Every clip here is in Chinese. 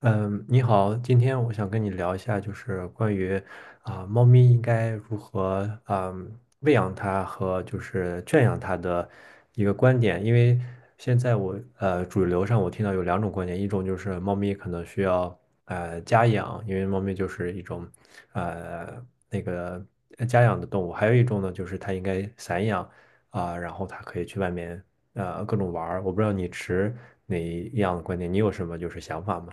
嗯，你好，今天我想跟你聊一下，就是关于猫咪应该如何喂养它和就是圈养它的一个观点。因为现在我主流上我听到有两种观点，一种就是猫咪可能需要家养，因为猫咪就是一种呃那个家养的动物；还有一种呢，就是它应该散养然后它可以去外面各种玩儿。我不知道你持哪一样的观点，你有什么就是想法吗？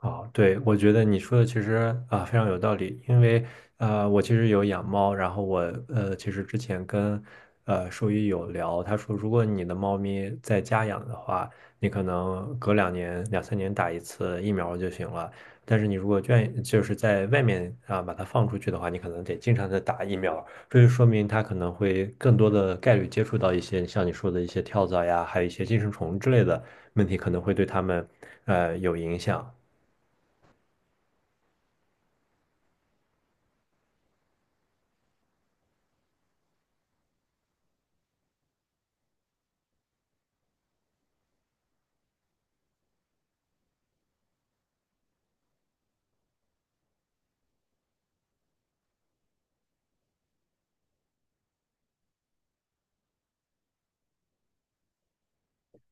哦，对，我觉得你说的其实非常有道理，因为我其实有养猫，然后我其实之前跟兽医有聊，他说如果你的猫咪在家养的话，你可能隔两年两三年打一次疫苗就行了，但是你如果愿就是在外面把它放出去的话，你可能得经常的打疫苗，这就说明它可能会更多的概率接触到一些像你说的一些跳蚤呀，还有一些寄生虫之类的问题，可能会对它们有影响。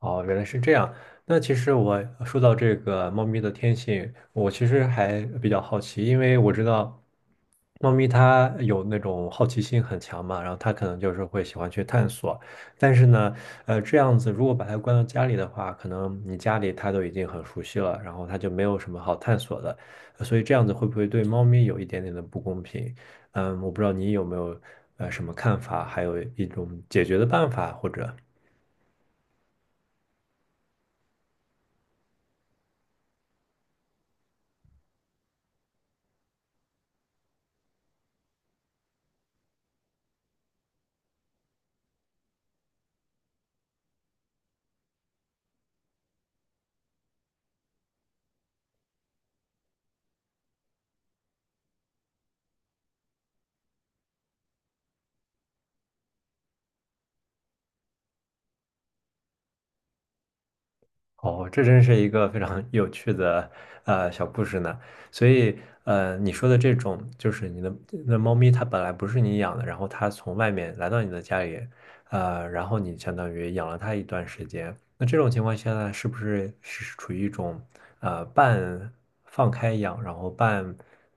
哦，原来是这样。那其实我说到这个猫咪的天性，我其实还比较好奇，因为我知道猫咪它有那种好奇心很强嘛，然后它可能就是会喜欢去探索。但是呢，这样子如果把它关到家里的话，可能你家里它都已经很熟悉了，然后它就没有什么好探索的，所以这样子会不会对猫咪有一点点的不公平？嗯，我不知道你有没有什么看法，还有一种解决的办法或者。哦，这真是一个非常有趣的小故事呢。所以你说的这种就是你的那猫咪，它本来不是你养的，然后它从外面来到你的家里，然后你相当于养了它一段时间。那这种情况下呢，是不是是处于一种半放开养，然后半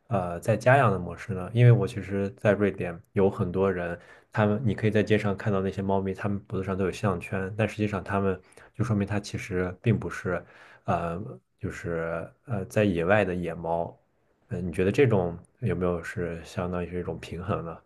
在家养的模式呢？因为我其实，在瑞典有很多人，他们你可以在街上看到那些猫咪，它们脖子上都有项圈，但实际上它们就说明它其实并不是，呃，就是在野外的野猫。嗯，你觉得这种有没有是相当于是一种平衡呢？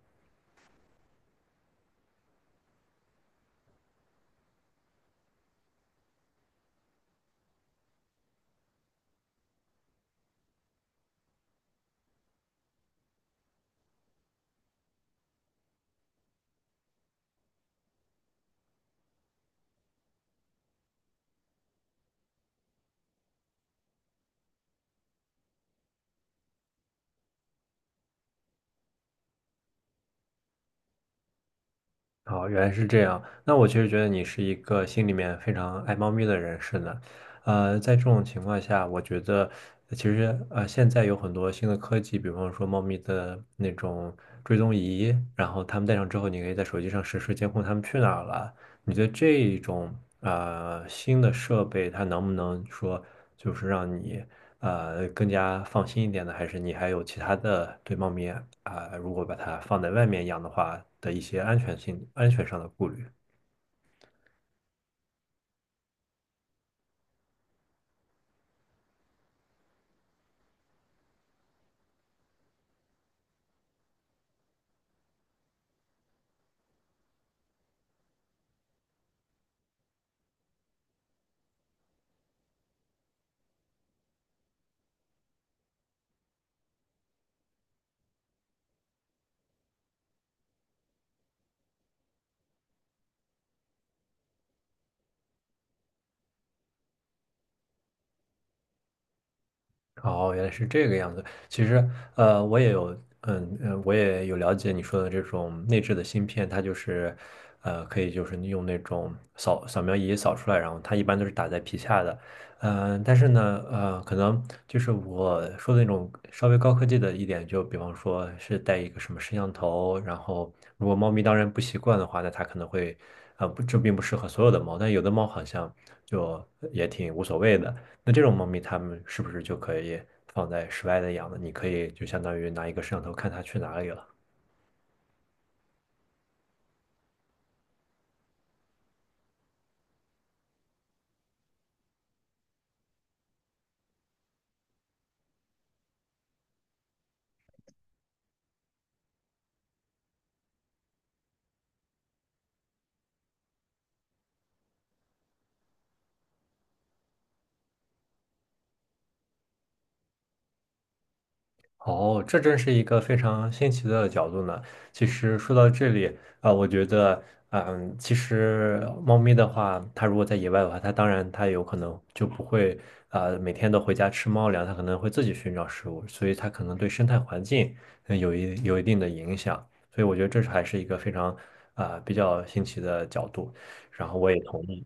哦，原来是这样。那我其实觉得你是一个心里面非常爱猫咪的人士呢。在这种情况下，我觉得其实现在有很多新的科技，比方说猫咪的那种追踪仪，然后他们戴上之后，你可以在手机上实时监控他们去哪儿了。你觉得这种新的设备，它能不能说就是让你？更加放心一点的，还是你还有其他的对猫咪如果把它放在外面养的话的一些安全性安全上的顾虑？哦，原来是这个样子。其实，我也有，嗯嗯，我也有了解你说的这种内置的芯片，它就是，可以就是用那种扫扫描仪扫出来，然后它一般都是打在皮下的。但是呢，可能就是我说的那种稍微高科技的一点，就比方说是带一个什么摄像头，然后如果猫咪当然不习惯的话，那它可能会，不，这并不适合所有的猫，但有的猫好像就也挺无所谓的。那这种猫咪，它们是不是就可以放在室外的养呢？你可以就相当于拿一个摄像头看它去哪里了。哦，这真是一个非常新奇的角度呢。其实说到这里啊，我觉得，嗯，其实猫咪的话，它如果在野外的话，它当然它有可能就不会每天都回家吃猫粮，它可能会自己寻找食物，所以它可能对生态环境有一有一定的影响。所以我觉得这是还是一个非常比较新奇的角度。然后我也同意。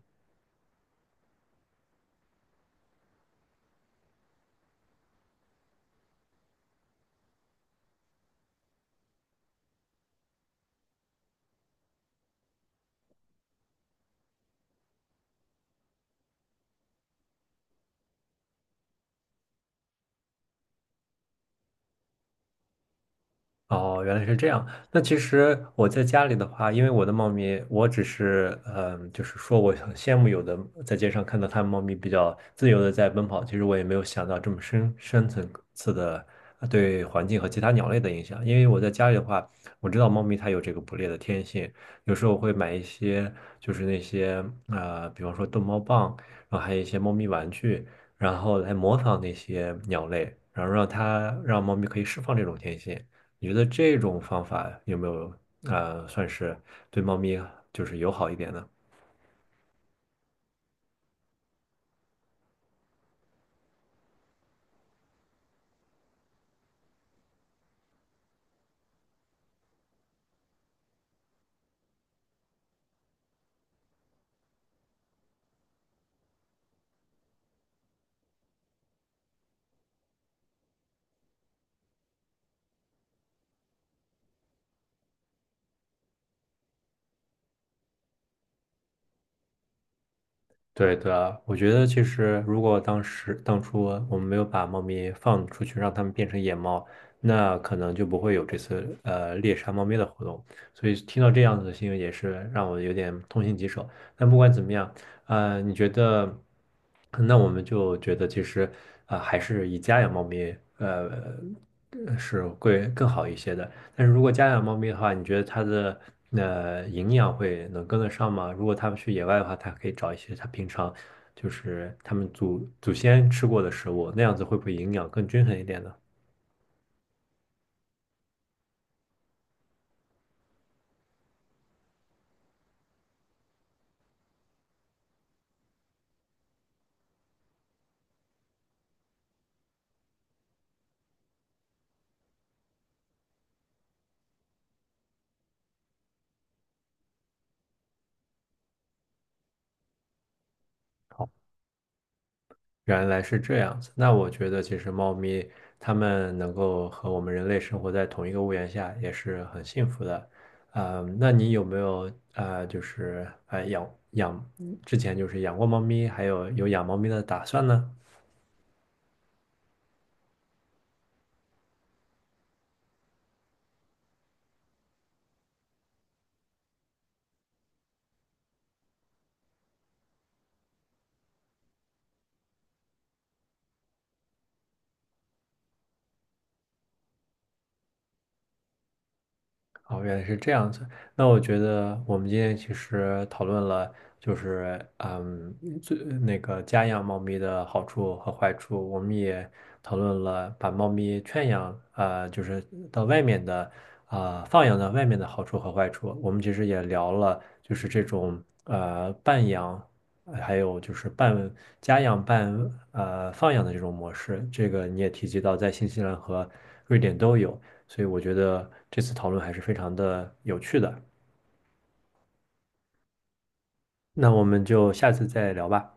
哦，原来是这样。那其实我在家里的话，因为我的猫咪，我只是嗯，就是说我很羡慕有的在街上看到它们猫咪比较自由的在奔跑，其实我也没有想到这么深深层次的对环境和其他鸟类的影响。因为我在家里的话，我知道猫咪它有这个捕猎的天性，有时候我会买一些就是那些比方说逗猫棒，然后还有一些猫咪玩具，然后来模仿那些鸟类，然后让它让猫咪可以释放这种天性。你觉得这种方法有没有算是对猫咪就是友好一点呢？对的，我觉得其实如果当时当初我们没有把猫咪放出去，让它们变成野猫，那可能就不会有这次猎杀猫咪的活动。所以听到这样子的新闻也是让我有点痛心疾首。但不管怎么样，你觉得，那我们就觉得其实还是以家养猫咪是会更好一些的。但是如果家养猫咪的话，你觉得它的营养会能跟得上吗？如果它们去野外的话，它可以找一些它平常就是它们祖祖先吃过的食物，那样子会不会营养更均衡一点呢？好，原来是这样子。那我觉得其实猫咪它们能够和我们人类生活在同一个屋檐下，也是很幸福的。嗯，那你有没有就是养养之前就是养过猫咪，还有有养猫咪的打算呢？哦，原来是这样子。那我觉得我们今天其实讨论了，就是嗯，最那个家养猫咪的好处和坏处。我们也讨论了把猫咪圈养，就是到外面的，放养到外面的好处和坏处。我们其实也聊了，就是这种半养，还有就是半家养半放养的这种模式。这个你也提及到，在新西兰和瑞典都有。所以我觉得这次讨论还是非常的有趣的。那我们就下次再聊吧。